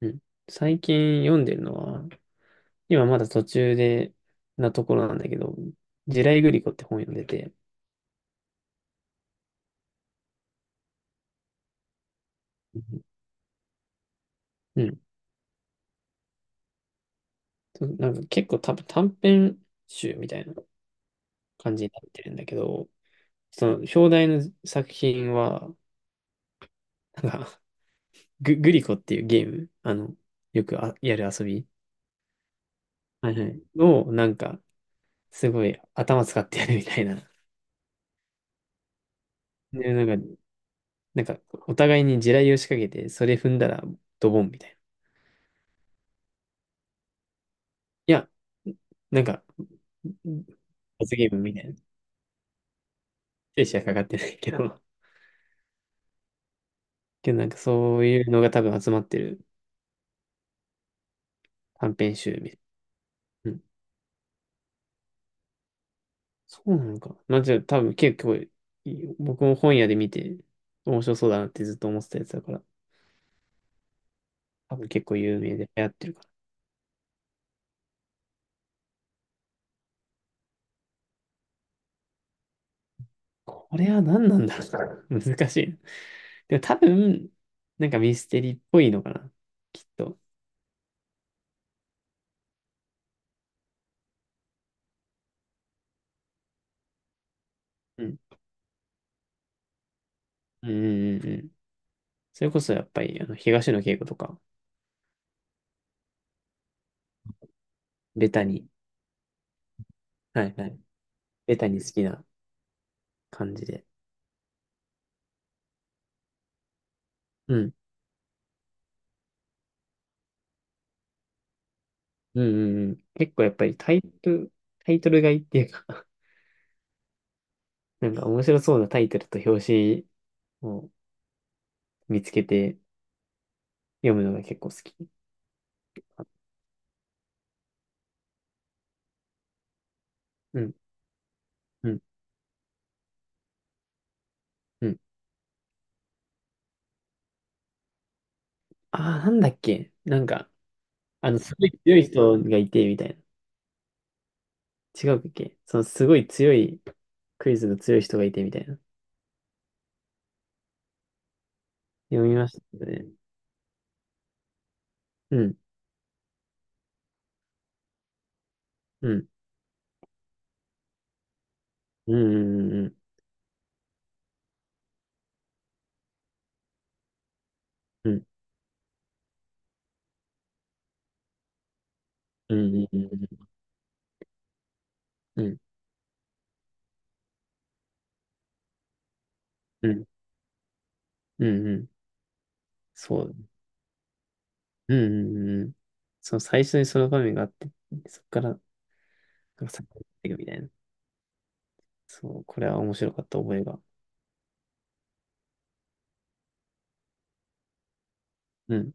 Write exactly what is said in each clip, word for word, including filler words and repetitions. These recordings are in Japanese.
うん。最近読んでるのは、今まだ途中で、なところなんだけど、地雷グリコって本読んでて、うん。うん、そう、なんか結構多分短編集みたいな感じになってるんだけど、その表題の作品は、なんかグ、グリコっていうゲーム、あの、よくあやる遊び、はいはいを、なんか、すごい頭使ってやるみたいな。で、なんか、なんか、お互いに地雷を仕掛けて、それ踏んだらドボンみたいな。いや、なんか、罰ゲームみたいな。精子はかかってないけど。けどなんかそういうのが多分集まってる短編集みたいな。うん。そうなのか。まあじゃあ多分結構いい、僕も本屋で見て面白そうだなってずっと思ってたやつだから、多分結構有名で流行ってるから。これは何なんだろう。難しい。でも多分、なんかミステリーっぽいのかな。きっと。うん。うん、うん、うん、うん。それこそやっぱり、あの、東野圭吾とか、ベタに。はいはい。ベタに好きな感じで。うん。うん、うん、うん。結構やっぱりタイトル、タイトルがいいっていうか、 なんか面白そうなタイトルと表紙を見つけて読むのが結構好き。うん、うん、うん。ああ、なんだっけ、なんか、あの、すごい強い人がいて、みたいな。違うっけ、そのすごい強い、クイズの強い人がいて、みたいな。読みましたけどね。うん、うん、うん、うん、うん、うん、うん、うん、うん、うん、うん、うん、うん、そう。うん、うん、うん、そう、最初にその場面があって、そこから、なんかさっきっていくみたいな。そう、これは面白かった覚えが。うん、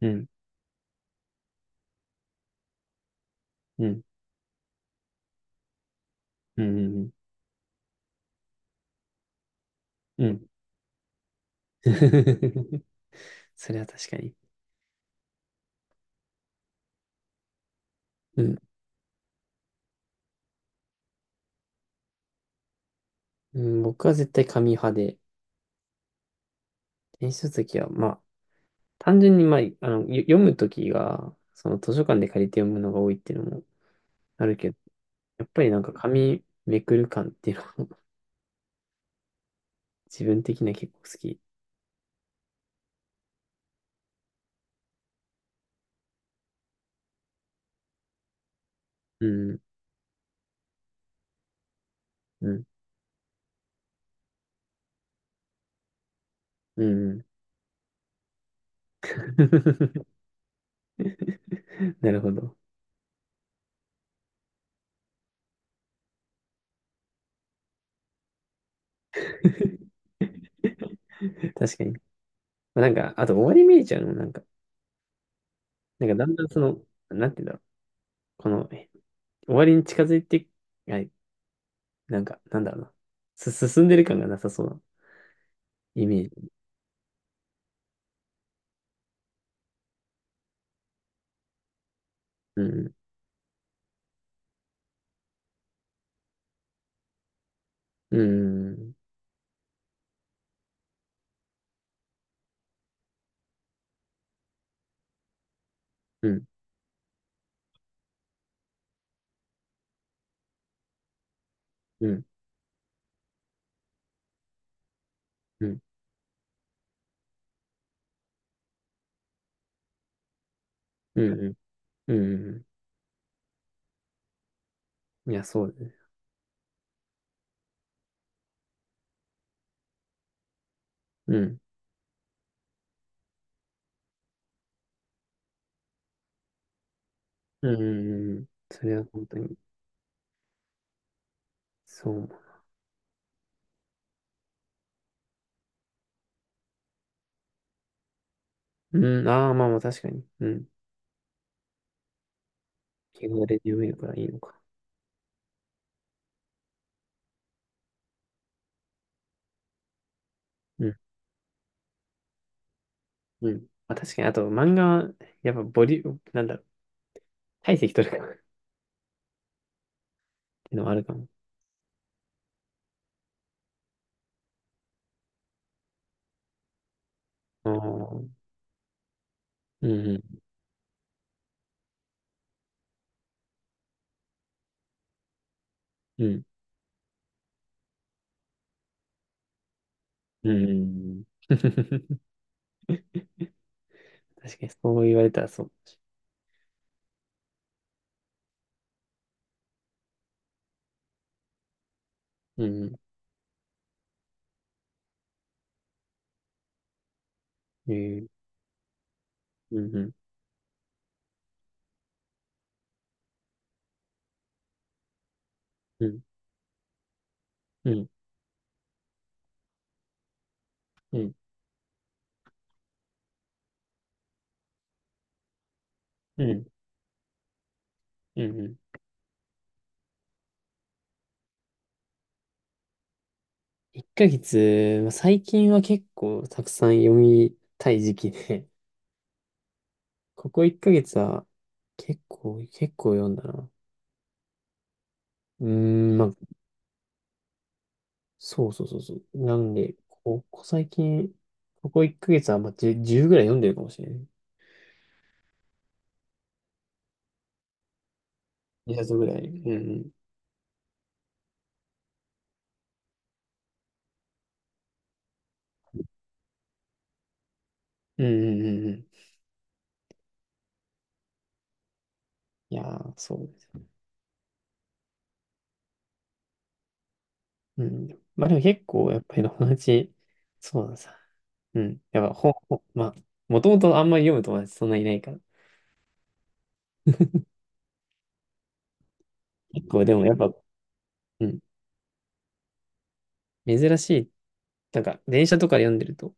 うん、うん、うん、うん、うん。うん。 それは確かに。うん、うん、僕は絶対紙派で、電子書籍は、まあ、単純に、まあ、あの、よ読むときが、その図書館で借りて読むのが多いっていうのもあるけど、やっぱりなんか紙めくる感っていうのも、 自分的には結構好き。うん、うん、うん。うん。 なるほど。確かに。まあなんか、あと終わり見えちゃうのもなんか、なんかだんだんその、なんて言うんだろう。この、え終わりに近づいて、はい、なんか、なんだろうな。す、進んでる感がなさそうなイメージ。うん、うん、うん、うん、うん、うん、うん、うん、うん。いや、そうだね。うん、うん、うん、うん。それは本当に、そう思う。うん、ああ、まあまあ確かに。うん。汚れて読めるからいいのか。うん、うん。まあ確かに、あと漫画は、やっぱボリューム、なんだろう。体積取るからっていうのはあるかも。ああ。うん、うん、うん、うん。確かにそう言われたらそう。うん、うん、うん、うん、うん、うん、うん、うん。うん。いっかげつ、まあ最近は結構たくさん読みたい時期で、ここいっかげつは結構、結構読んだな。うーん、まあ、そうそうそうそう。なんで、ここ最近、ここいっかげつはまあじゅう、じゅうぐらい読んでるかもしれない。にさつぐらい。うん、うん、うん、うん、うん。うん。いやー、そう。うん。まあでも結構、やっぱり友達、そうなんさ。うん。やっぱ本、ほまあ、もともとあんまり読む友達そんないないから。結構でもやっぱ、うん。珍しい。なんか、電車とかで読んでると、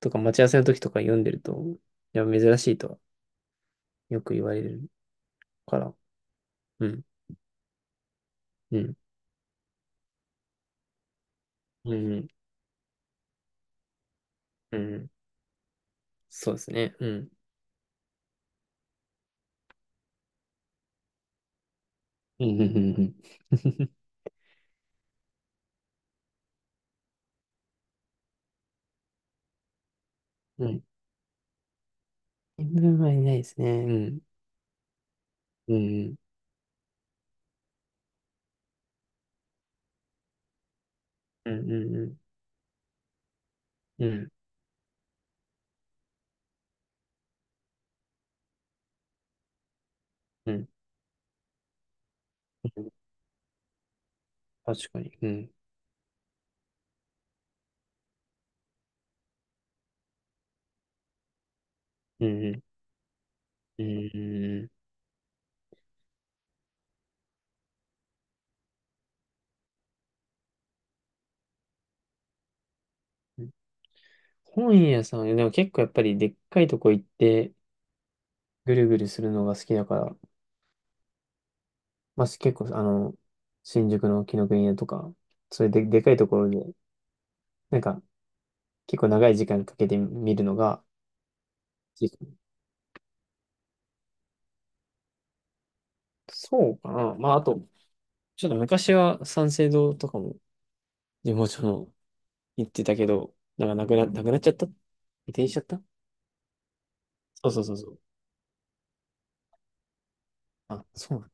とか待ち合わせの時とか読んでると、やっぱ珍しいとはよく言われるから。うん。うん。うん。うん。そうですね。うん。うん。うん。うん。うん。新聞はいないですね。うん。うん。うん。うん。うん。うん。うん。うん。確かに。うん。うん。うーん。本屋さん、でも結構やっぱりでっかいとこ行ってぐるぐるするのが好きだから、まあ、結構あの、新宿の紀伊国屋とか、そういうで、でかいところで、なんか結構長い時間かけて見るのが好き、そうかな。まああと、ちょっと昔は三省堂とかも地元の行ってたけど、なんかなくな、なくなっちゃった、移転しちゃった。そうそうそうそう。あ、そうなん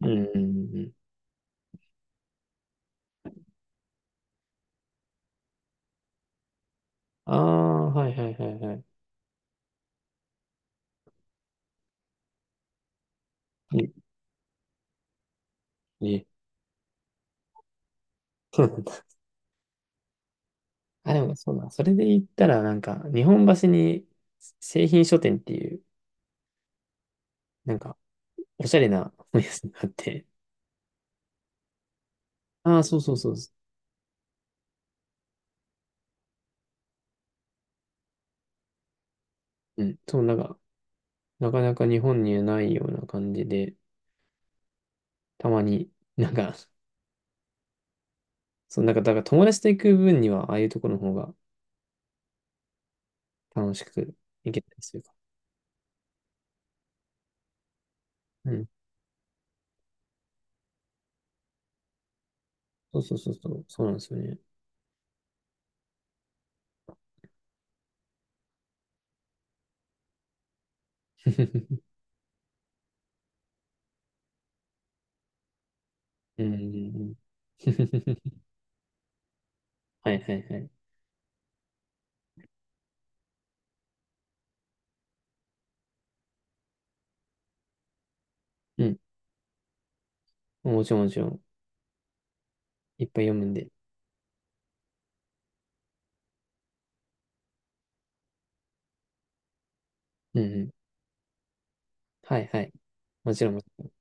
だ。うん、うん、うん、うん。ああ、はいはいはいはい。え、え。あ、でもそうだ。それで言ったら、なんか、日本橋に製品書店っていう、なんか、おしゃれな本屋さんがあって。ああ、そうそうそうう。うん。そう、なんか、なかなか日本にはないような感じで、たまに、なんか、そう、なんか、だから友達と行く分には、ああいうところの方が楽しく行けたりするか。うん。そうそうそうそう。そうなんですよね。うん。うん、うん。 はいはいはい。うん。もちろんもちろん。いっぱい読むんで。うん、うん。はいはい。もちろんもちろん。